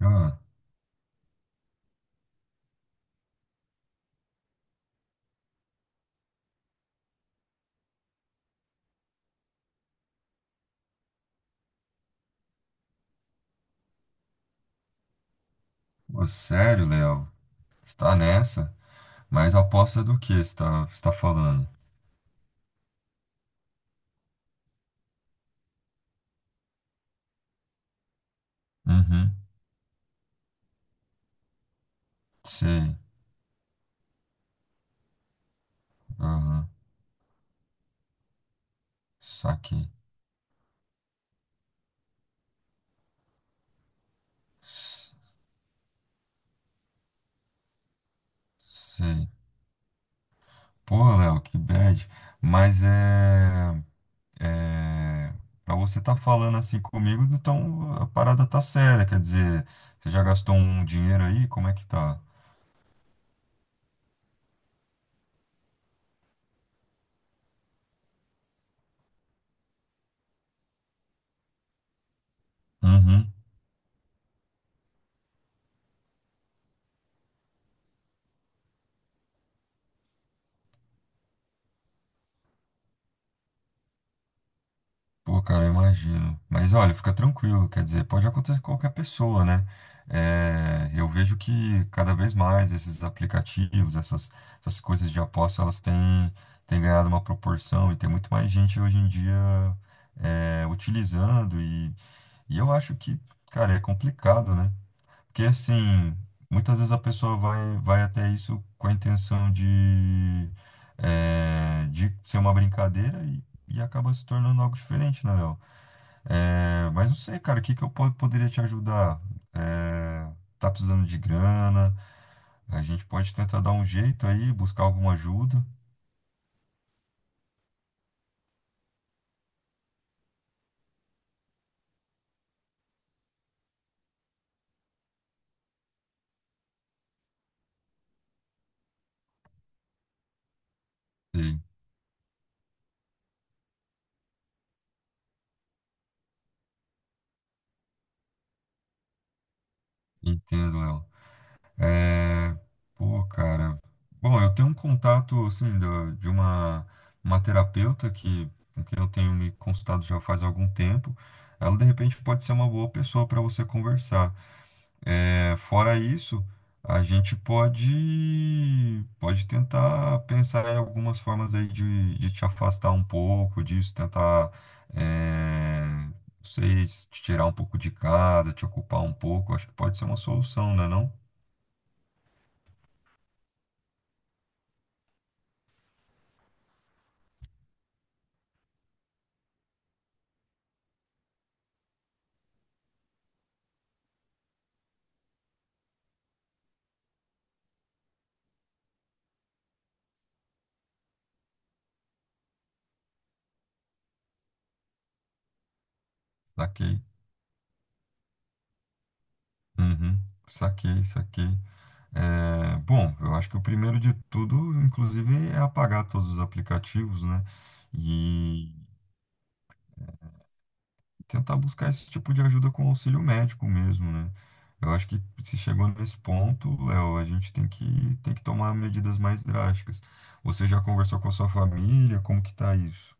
Ah, ô, sério, Léo? Está nessa? Mas aposta do que está falando? Uhum. Sei. Aham. Saquei. S- Sei. Porra, Léo, que bad. Mas é para você estar falando assim comigo, então a parada tá séria, quer dizer, você já gastou um dinheiro aí? Como é que tá? Uhum. Pô, cara, eu imagino. Mas olha, fica tranquilo, quer dizer, pode acontecer com qualquer pessoa, né? É, eu vejo que cada vez mais esses aplicativos, essas coisas de aposta, elas têm ganhado uma proporção e tem muito mais gente hoje em dia utilizando. E eu acho que, cara, é complicado, né? Porque assim, muitas vezes a pessoa vai até isso com a intenção de, de ser uma brincadeira e acaba se tornando algo diferente, né, Léo? É, mas não sei, cara, o que que eu poderia te ajudar? É, tá precisando de grana? A gente pode tentar dar um jeito aí, buscar alguma ajuda. Sei, entendo, Léo. É, pô, cara. Bom, eu tenho um contato, assim, de uma terapeuta que, com quem eu tenho me consultado já faz algum tempo. Ela, de repente, pode ser uma boa pessoa para você conversar. É, fora isso, a gente pode tentar pensar em algumas formas aí de te afastar um pouco disso, tentar, não sei, se te tirar um pouco de casa, te ocupar um pouco. Acho que pode ser uma solução, né, não? Saquei. Uhum. Saquei, saquei. É, bom, eu acho que o primeiro de tudo, inclusive, é apagar todos os aplicativos, né? E tentar buscar esse tipo de ajuda com auxílio médico mesmo, né? Eu acho que se chegou nesse ponto, Léo, a gente tem que tomar medidas mais drásticas. Você já conversou com a sua família? Como que tá isso?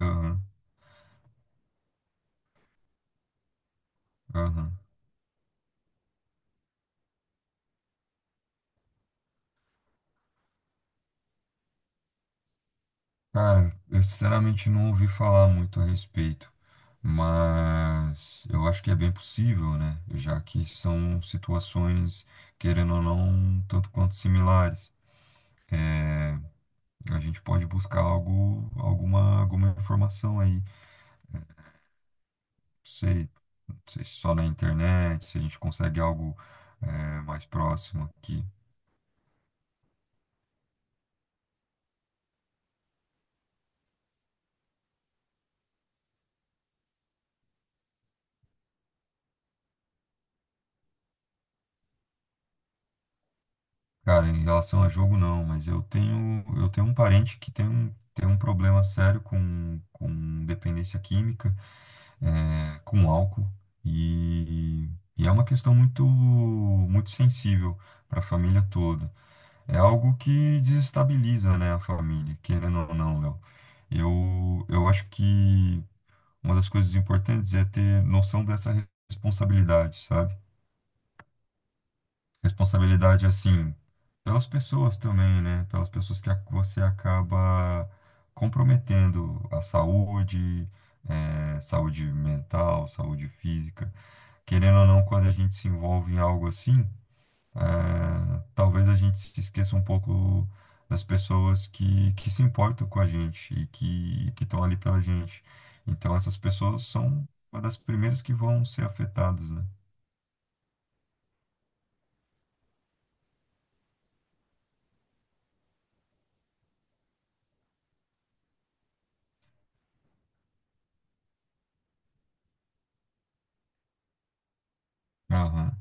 Aham, aham. Cara, eu sinceramente não ouvi falar muito a respeito, mas eu acho que é bem possível, né? Já que são situações, querendo ou não, um tanto quanto similares. É, a gente pode buscar algo, alguma, alguma informação aí sei, não sei se só na internet, se a gente consegue algo mais próximo aqui. Cara, em relação a jogo, não, mas eu tenho um parente que tem um problema sério com dependência química, é, com álcool, e, e é uma questão muito, muito sensível para a família toda. É algo que desestabiliza, né, a família, querendo ou não, Léo. Eu acho que uma das coisas importantes é ter noção dessa responsabilidade, sabe? Responsabilidade, assim, pelas pessoas também, né? Pelas pessoas que você acaba comprometendo a saúde, eh, saúde mental, saúde física. Querendo ou não, quando a gente se envolve em algo assim, talvez a gente se esqueça um pouco das pessoas que se importam com a gente e que estão ali pela gente. Então, essas pessoas são uma das primeiras que vão ser afetadas, né? Aham,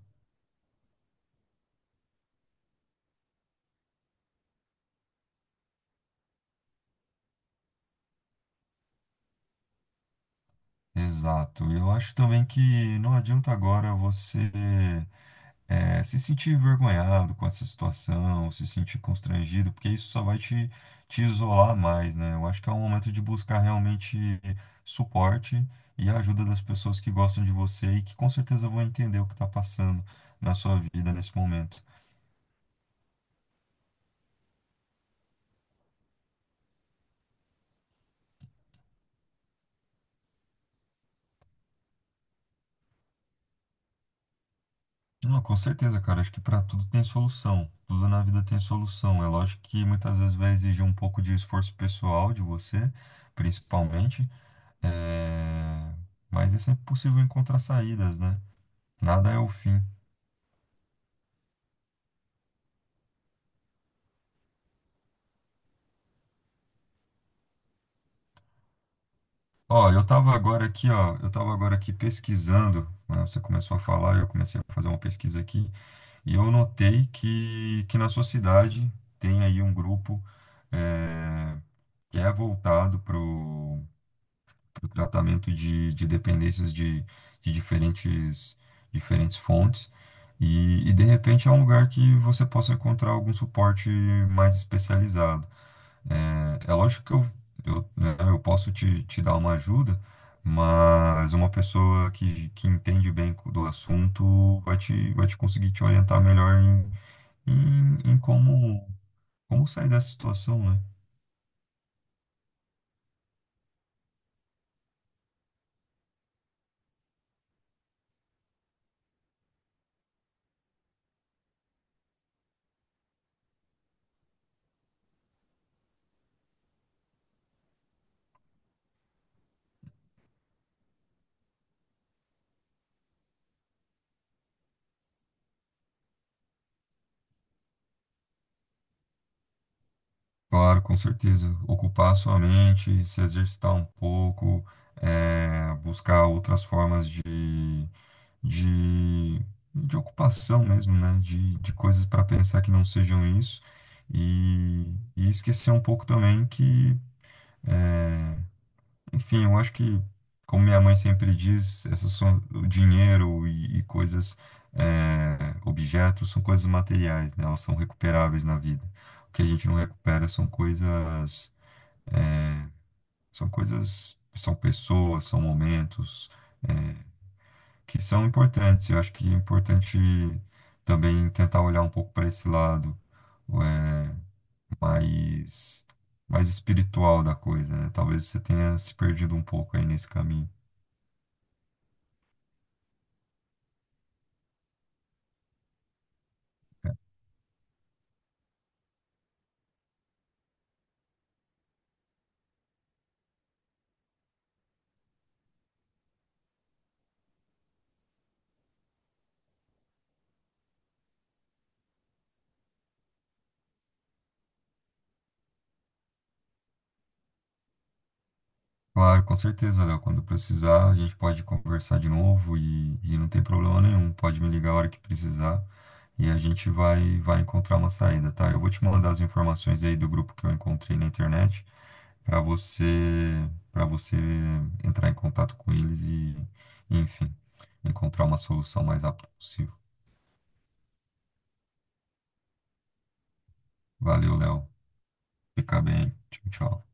exato. Eu acho também que não adianta agora você é, se sentir envergonhado com essa situação, se sentir constrangido, porque isso só vai te, te isolar mais, né? Eu acho que é um momento de buscar realmente suporte e a ajuda das pessoas que gostam de você e que com certeza vão entender o que está passando na sua vida nesse momento. Não, com certeza, cara. Acho que para tudo tem solução. Tudo na vida tem solução. É lógico que muitas vezes vai exigir um pouco de esforço pessoal de você, principalmente, é, mas é sempre possível encontrar saídas, né? Nada é o fim. Ó, eu tava agora aqui, ó, eu tava agora aqui pesquisando, né? Você começou a falar, eu comecei a fazer uma pesquisa aqui, e eu notei que na sua cidade tem aí um grupo é, que é voltado para o tratamento de dependências de diferentes, diferentes fontes, e de repente é um lugar que você possa encontrar algum suporte mais especializado. É, é lógico que eu, né, eu posso te, te dar uma ajuda, mas uma pessoa que entende bem do assunto vai te conseguir te orientar melhor em, em, em como, como sair dessa situação, né? Claro, com certeza. Ocupar a sua mente, se exercitar um pouco, buscar outras formas de, de ocupação mesmo, né? De coisas para pensar que não sejam isso. E, e esquecer um pouco também que, enfim, eu acho que, como minha mãe sempre diz, essas são o dinheiro e coisas, é, objetos, são coisas materiais, né? Elas são recuperáveis na vida. O que a gente não recupera são coisas, são coisas, são pessoas, são momentos. É, que são importantes. Eu acho que é importante também tentar olhar um pouco para esse lado é, mais, mais espiritual da coisa, né? Talvez você tenha se perdido um pouco aí nesse caminho. Claro, com certeza, Léo. Quando precisar, a gente pode conversar de novo e não tem problema nenhum. Pode me ligar a hora que precisar e a gente vai, vai encontrar uma saída, tá? Eu vou te mandar as informações aí do grupo que eu encontrei na internet. para você para você entrar em contato com eles e, enfim, encontrar uma solução mais rápido possível. Valeu, Léo. Fica bem. Tchau, tchau.